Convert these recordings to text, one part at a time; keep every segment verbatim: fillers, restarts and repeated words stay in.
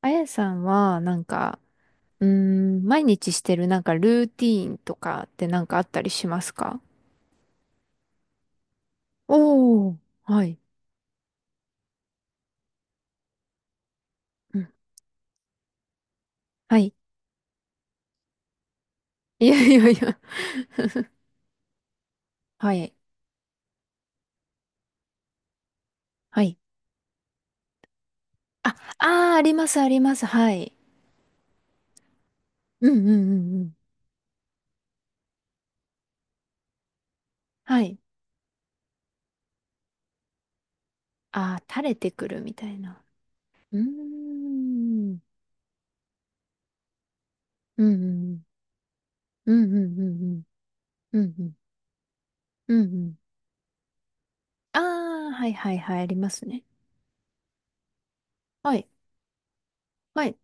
あやさんは、なんか、うーん、毎日してるなんかルーティーンとかってなんかあったりしますか？おー、はい。うん。はい。いやいやいや。 はい。はい。あ、あー、あります、あります。はい。うんうんうんうん。はい。あー、垂れてくるみたいな。うーん。うんうんうん。うんうんうんうん。うんうん。うんうん。あー、はいはいはい、ありますね。はい。はい。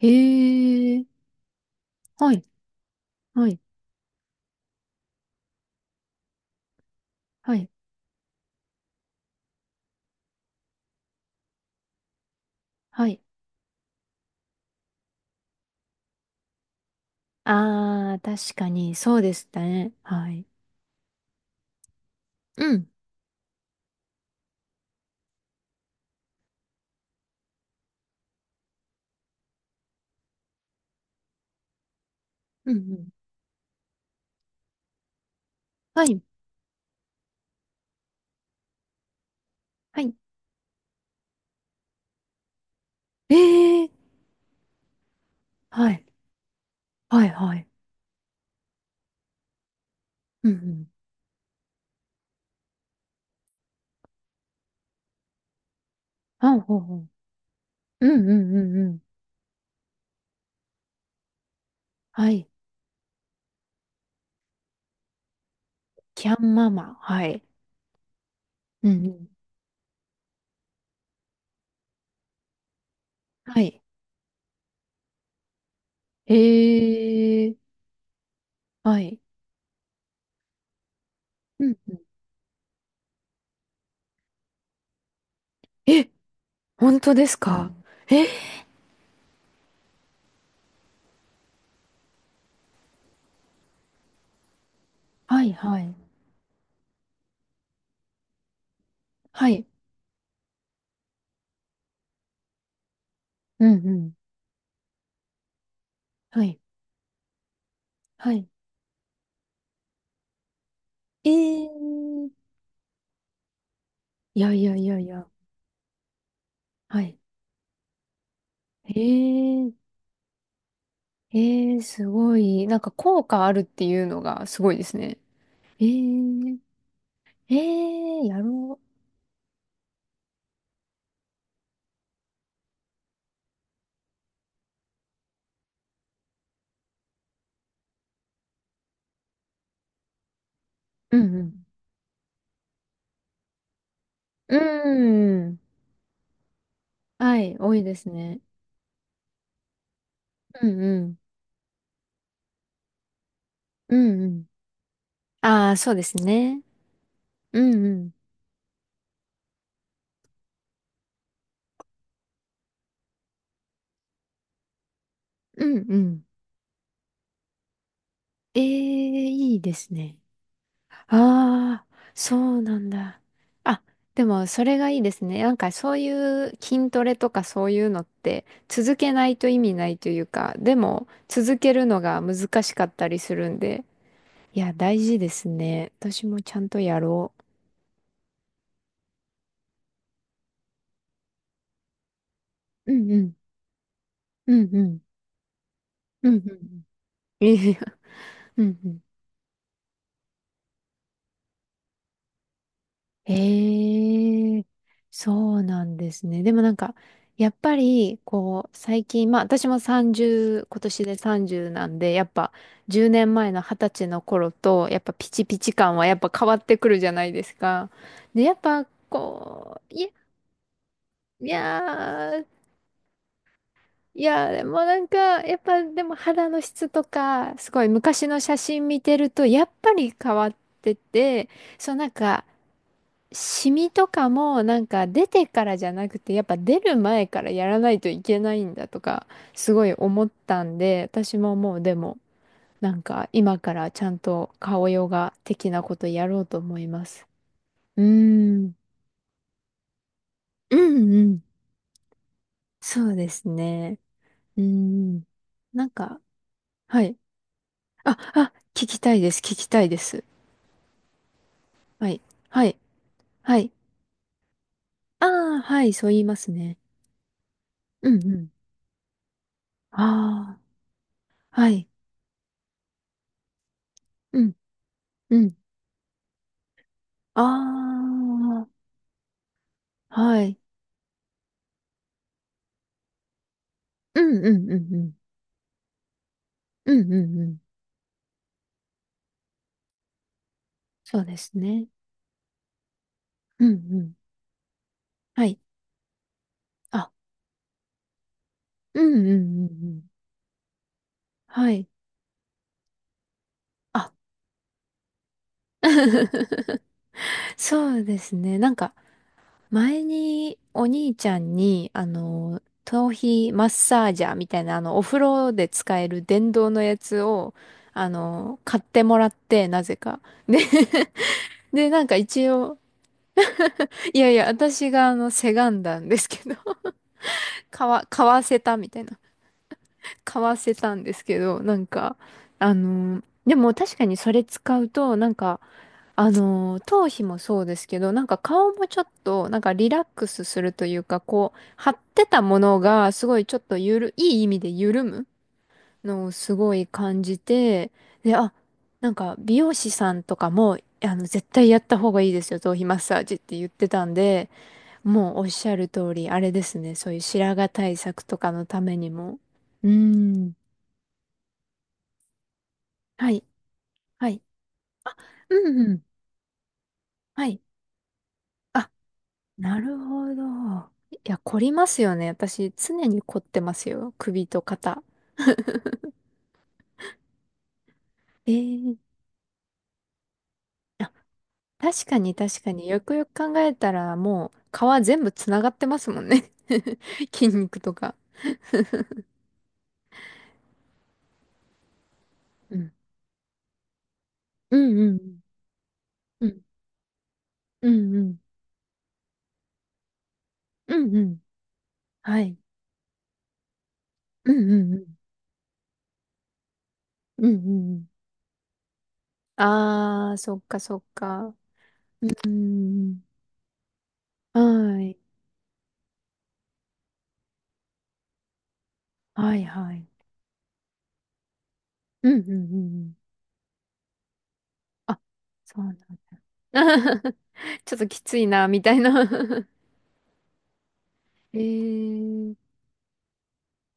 へー。はい。はい。はい。はい。ああ、確かに、そうでしたね。はい。うん、うん、うん。はい。はい。ええ、はい。はい、はい。うん、うん。あ、ほうほう。うん、うん、うん、うん。はい。キャンママ。はい。うん、うん。はい。ええ、はい。うん、うん。え、本当ですか？はい、はい。はい。うん、うん。はい。はい。ええ、いやいやいやいや。はい。ええ。ええ、すごい。なんか効果あるっていうのがすごいですね。ええ、えーやろう。うんうん。うんうん。はい、多いですね。うんうん。うんうん。ああ、そうですね。うんうん。うんうん。ええ、いいですね。ああ、そうなんだ。あ、でもそれがいいですね。なんかそういう筋トレとかそういうのって続けないと意味ないというか、でも続けるのが難しかったりするんで。いや、大事ですね。私もちゃんとやろう。うんうん。うんうん。うんうんうん。いやいや。うんうん。ええ、そうなんですね。でもなんか、やっぱり、こう、最近、まあ私もさんじゅう、今年でさんじゅうなんで、やっぱじゅうねんまえのはたちの頃と、やっぱピチピチ感はやっぱ変わってくるじゃないですか。で、やっぱ、こう、いや、いやー、いや、でもなんか、やっぱでも肌の質とか、すごい昔の写真見てると、やっぱり変わってて、そうなんか、シミとかもなんか出てからじゃなくて、やっぱ出る前からやらないといけないんだとか、すごい思ったんで、私ももうでも、なんか今からちゃんと顔ヨガ的なことやろうと思います。うーん。うんうん。そうですね。うーん。なんか、はい。あ、あ、聞きたいです。聞きたいです。はい。はい。はい。ああ、はい。そう言いますね。うんうん。ああ、はい。うん、うん。ああ、はい。うんうんうんうん。うんうんうん。そうですね。うんうん。はい。あ、うんうんうんうん。はい。あ。 そうですね。なんか、前にお兄ちゃんに、あの、頭皮マッサージャーみたいな、あの、お風呂で使える電動のやつを、あの、買ってもらって、なぜか。で、で、なんか一応、いやいや、私があの、せがんだんですけど、買わ、買わせたみたいな、買わせたんですけど、なんか、あの、でも確かにそれ使うと、なんか、あのー、頭皮もそうですけど、なんか顔もちょっと、なんかリラックスするというか、こう、張ってたものが、すごいちょっとゆる、いい意味で緩むのをすごい感じて、で、あ、なんか美容師さんとかも、あの、絶対やった方がいいですよ、頭皮マッサージって言ってたんで、もうおっしゃる通り、あれですね、そういう白髪対策とかのためにも。うーん。はい、はい。あ、うんうん。はい。あ、なるほど。いや、凝りますよね。私、常に凝ってますよ。首と肩。ええ、あ、確かに確かに。よくよく考えたら、もう、皮全部つながってますもんね。筋肉とか。うん。うんうんうん。うんうんうん。うんうん。はい。うんうんうん。うんうんうん。あー、そっかそっか。うん、はい。はいはい。うんうんうんうん。あ、そうなんだ。ちょっときついな、みたいな。 えー、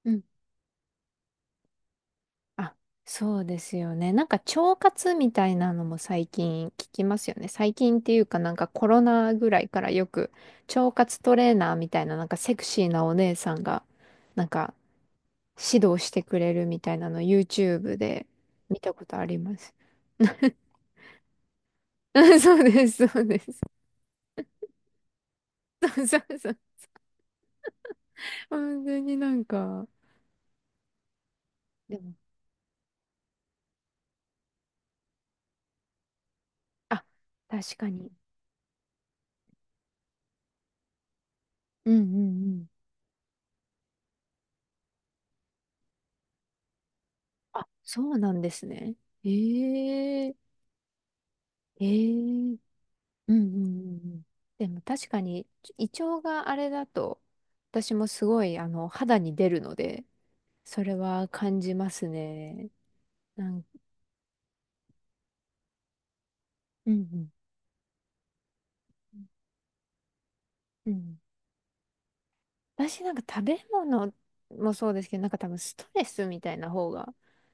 うん。あ、そうですよね。なんか腸活みたいなのも最近聞きますよね。最近っていうかなんかコロナぐらいからよく腸活トレーナーみたいななんかセクシーなお姉さんがなんか指導してくれるみたいなの YouTube で見たことあります。そうです、そうです。そうそうそう。本当になんか、でも、あ、確かに。うんうんうん。あ、そうなんですね。ええ。ええ。うんうんうんうん。でも確かに、胃腸があれだと、私もすごい、あの、肌に出るので、それは感じますね。なん、うんうん。うん、私なんか食べ物もそうですけど、なんか多分ストレスみたいな方が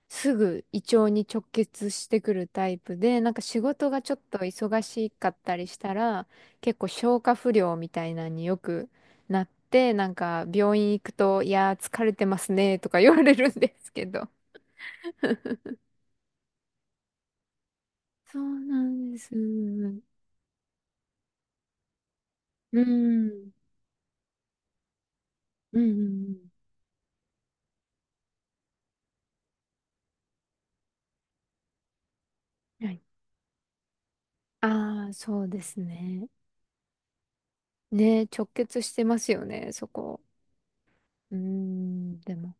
すぐ胃腸に直結してくるタイプで、なんか仕事がちょっと忙しかったりしたら、結構消化不良みたいなのによくなって、なんか病院行くと、いやー疲れてますねとか言われるんですけど。そうなんです。うん。うん。うんうんうん。はい。ああ、そうですね。ね、直結してますよね、そこ。うーん、でも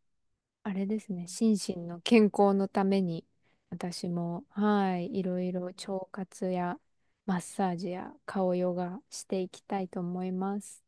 あれですね、心身の健康のために、私も、はい、いろいろ腸活やマッサージや顔ヨガしていきたいと思います。